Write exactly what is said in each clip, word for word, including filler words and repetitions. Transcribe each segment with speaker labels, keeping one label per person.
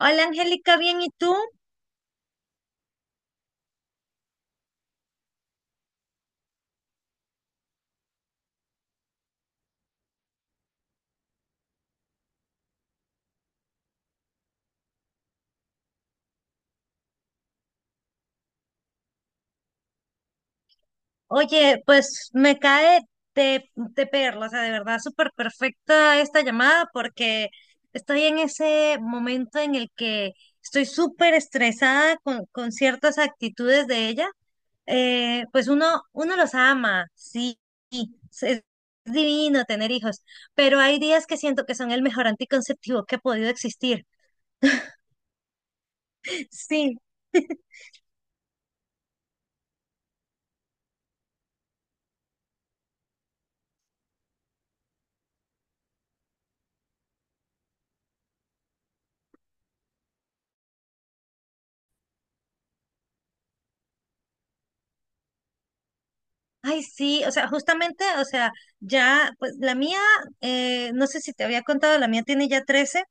Speaker 1: Hola Angélica, bien, ¿y tú? Oye, pues me cae de, de perla, o sea, de verdad súper perfecta esta llamada porque estoy en ese momento en el que estoy súper estresada con, con ciertas actitudes de ella. Eh, pues uno, uno los ama, sí, sí, es es divino tener hijos, pero hay días que siento que son el mejor anticonceptivo que ha podido existir. Sí. Ay, sí, o sea, justamente, o sea, ya, pues la mía, eh, no sé si te había contado, la mía tiene ya trece.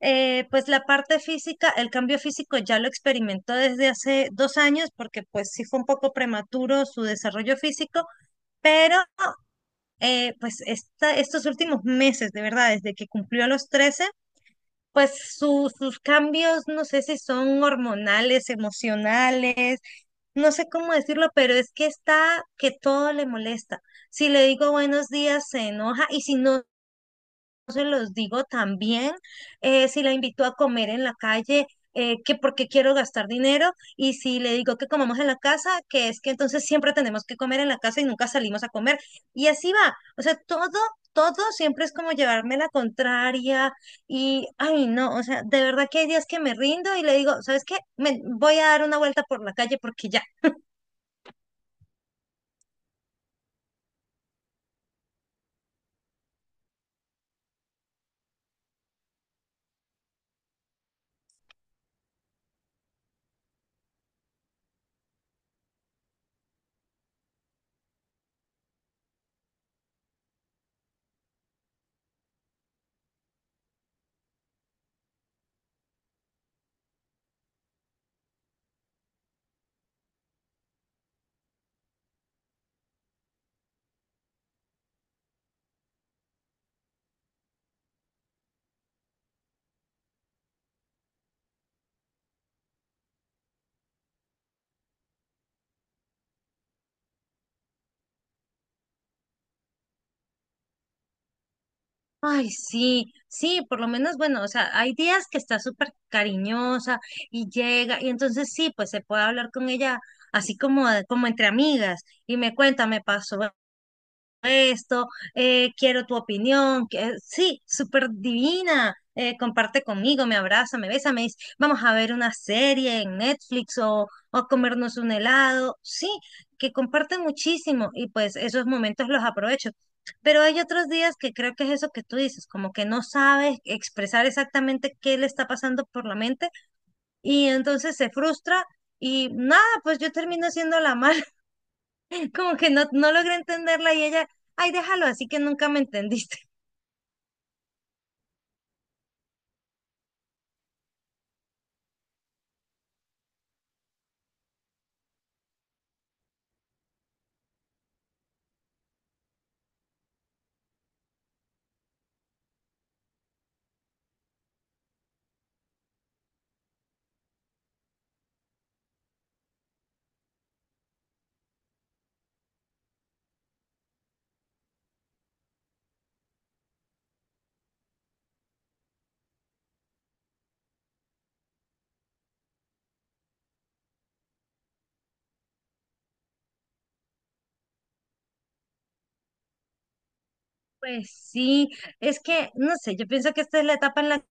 Speaker 1: Eh, pues la parte física, el cambio físico ya lo experimentó desde hace dos años, porque pues sí fue un poco prematuro su desarrollo físico, pero eh, pues esta, Estos últimos meses, de verdad, desde que cumplió los trece, pues su- sus cambios, no sé si son hormonales, emocionales, no sé cómo decirlo, pero es que está que todo le molesta. Si le digo buenos días, se enoja y si no se los digo también. Eh, si la invito a comer en la calle, eh, que porque quiero gastar dinero, y si le digo que comamos en la casa, que es que entonces siempre tenemos que comer en la casa y nunca salimos a comer. Y así va. O sea, todo, todo siempre es como llevarme la contraria y, ay, no, o sea, de verdad que hay días que me rindo y le digo, ¿sabes qué? Me voy a dar una vuelta por la calle porque ya. Ay, sí, sí, por lo menos, bueno, o sea, hay días que está súper cariñosa y llega, y entonces sí, pues se puede hablar con ella así como, de- como entre amigas, y me cuenta, me pasó esto. Eh, quiero tu opinión, que sí, súper divina. Eh, comparte conmigo, me abraza, me besa, me dice, vamos a ver una serie en Netflix o, o comernos un helado, sí, que comparten muchísimo y pues esos momentos los aprovecho. Pero hay otros días que creo que es eso que tú dices, como que no sabes expresar exactamente qué le está pasando por la mente y entonces se frustra y nada, pues yo termino siendo la mala. Como que no, no logré entenderla y ella, ay, déjalo, así que nunca me entendiste. Pues sí, es que, no sé, yo pienso que esta es la etapa en la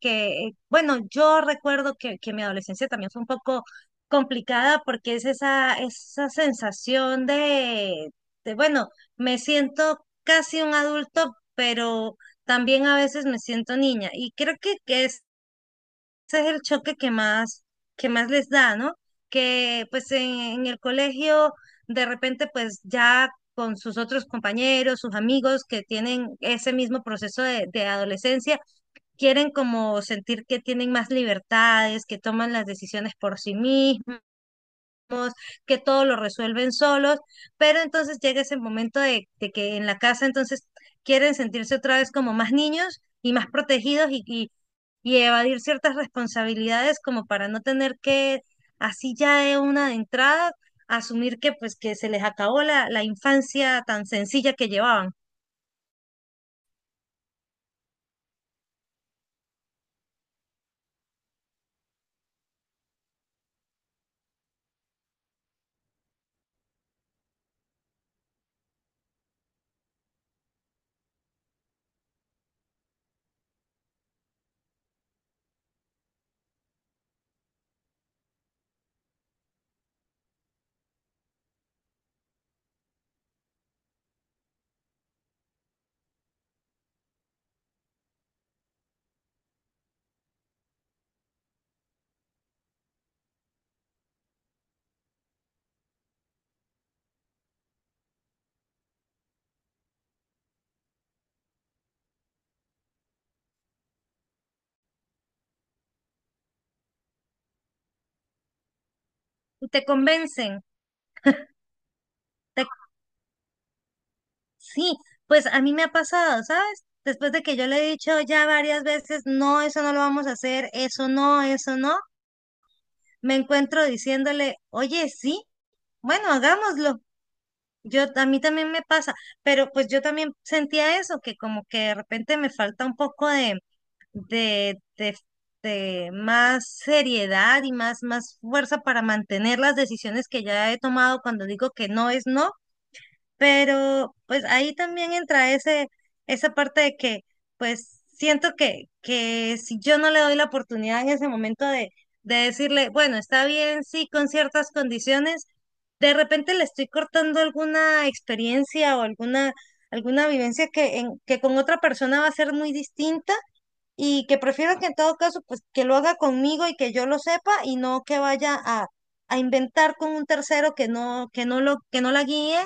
Speaker 1: que, eh, bueno, yo recuerdo que, que mi adolescencia también fue un poco complicada porque es esa, esa sensación de, de, bueno, me siento casi un adulto, pero también a veces me siento niña. Y creo que, que ese es el choque que más, que más les da, ¿no? Que pues en, en el colegio de repente pues ya con sus otros compañeros, sus amigos que tienen ese mismo proceso de, de adolescencia, quieren como sentir que tienen más libertades, que toman las decisiones por sí mismos, que todo lo resuelven solos, pero entonces llega ese momento de, de que en la casa entonces quieren sentirse otra vez como más niños y más protegidos y, y, y, evadir ciertas responsabilidades como para no tener que así ya de una de entrada asumir que pues que se les acabó la, la infancia tan sencilla que llevaban. Y te convencen, te- sí, pues a mí me ha pasado, ¿sabes? Después de que yo le he dicho ya varias veces, no, eso no lo vamos a hacer, eso no, eso no, me encuentro diciéndole, oye, sí, bueno, hagámoslo. Yo, a mí también me pasa, pero pues yo también sentía eso, que como que de repente me falta un poco de, de, de, de más seriedad y más, más fuerza para mantener las decisiones que ya he tomado cuando digo que no es no, pero pues ahí también entra ese, esa parte de que pues siento que, que si yo no le doy la oportunidad en ese momento de, de decirle, bueno, está bien, sí, con ciertas condiciones, de repente le estoy cortando alguna experiencia o alguna, alguna vivencia que, en, que con otra persona va a ser muy distinta y que prefiero que en todo caso, pues que lo haga conmigo y que yo lo sepa y no que vaya a, a inventar con un tercero que no, que no lo, que no la guíe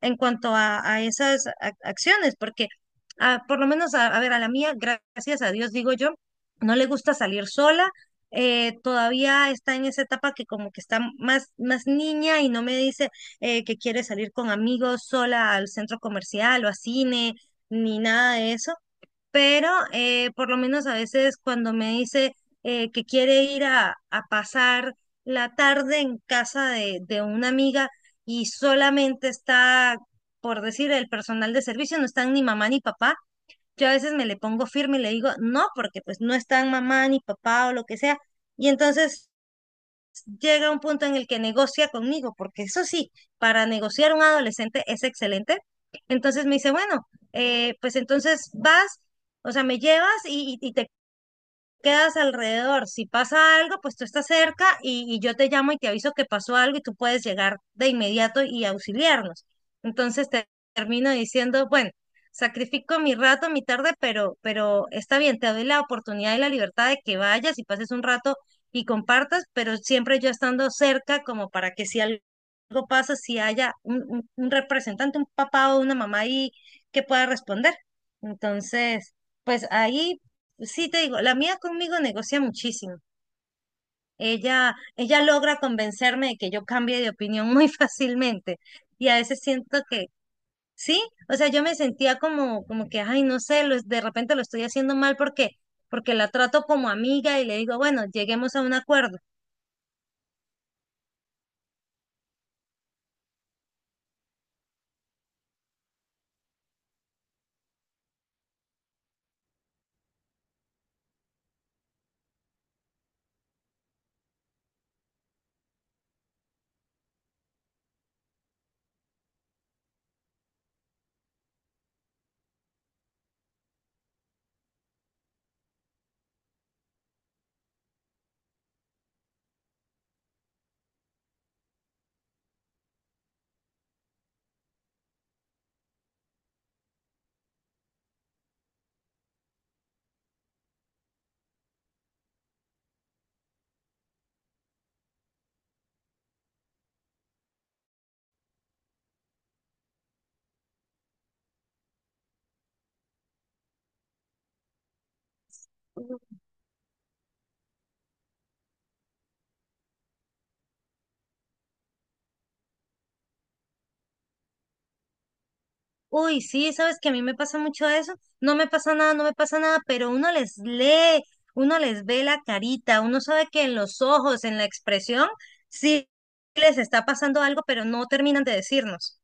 Speaker 1: en cuanto a, a esas ac- acciones, porque ah, por lo menos, a, a ver, a la mía, gracias a Dios, digo yo, no le gusta salir sola. Eh, todavía está en esa etapa que como que está más, más niña y no me dice eh, que quiere salir con amigos sola al centro comercial o a cine ni nada de eso, pero eh, por lo menos a veces cuando me dice eh, que quiere ir a, a pasar la tarde en casa de, de una amiga y solamente está, por decir, el personal de servicio, no están ni mamá ni papá, yo a veces me le pongo firme y le digo, no, porque pues no están mamá ni papá o lo que sea. Y entonces llega a un punto en el que negocia conmigo, porque eso sí, para negociar un adolescente es excelente. Entonces me dice, bueno, eh, pues entonces vas, o sea, me llevas y, y- y te quedas alrededor. Si pasa algo, pues tú estás cerca y, y yo te llamo y te aviso que pasó algo y tú puedes llegar de inmediato y auxiliarnos. Entonces te termino diciendo, bueno, sacrifico mi rato, mi tarde, pero, pero está bien, te doy la oportunidad y la libertad de que vayas y pases un rato y compartas, pero siempre yo estando cerca como para que si algo pasa, si haya un, un un representante, un papá o una mamá ahí que pueda responder. Entonces, pues ahí. Sí, te digo, la mía conmigo negocia muchísimo. Ella, ella logra convencerme de que yo cambie de opinión muy fácilmente. Y a veces siento que sí, o sea, yo me sentía como, como que, ay, no sé, lo- de repente lo estoy haciendo mal porque, porque la trato como amiga y le digo, bueno, lleguemos a un acuerdo. Uy, sí, sabes que a mí me pasa mucho eso. No me pasa nada, no me pasa nada, pero uno les lee, uno les ve la carita, uno sabe que en los ojos, en la expresión, sí les está pasando algo, pero no terminan de decirnos.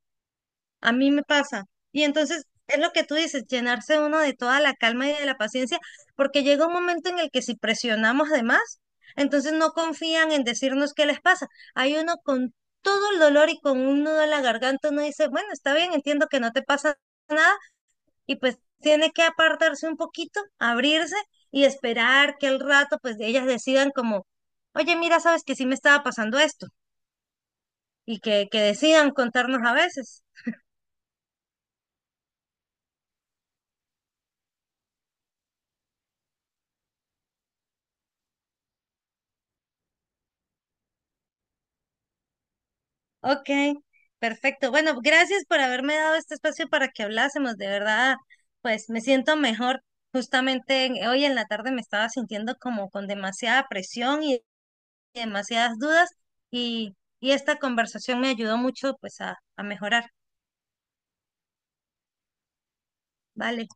Speaker 1: A mí me pasa. Y entonces es lo que tú dices, llenarse uno de toda la calma y de la paciencia, porque llega un momento en el que si presionamos de más, entonces no confían en decirnos qué les pasa. Hay uno con todo el dolor y con un nudo en la garganta, uno dice, bueno, está bien, entiendo que no te pasa nada, y pues tiene que apartarse un poquito, abrirse y esperar que al rato pues ellas decidan como, oye, mira, sabes que sí me estaba pasando esto, y que, que decidan contarnos a veces. Ok, perfecto. Bueno, gracias por haberme dado este espacio para que hablásemos. De verdad, pues me siento mejor. Justamente en- hoy en la tarde me estaba sintiendo como con demasiada presión y demasiadas dudas y, y esta conversación me ayudó mucho pues a, a mejorar. Vale,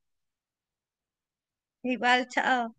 Speaker 1: igual, chao.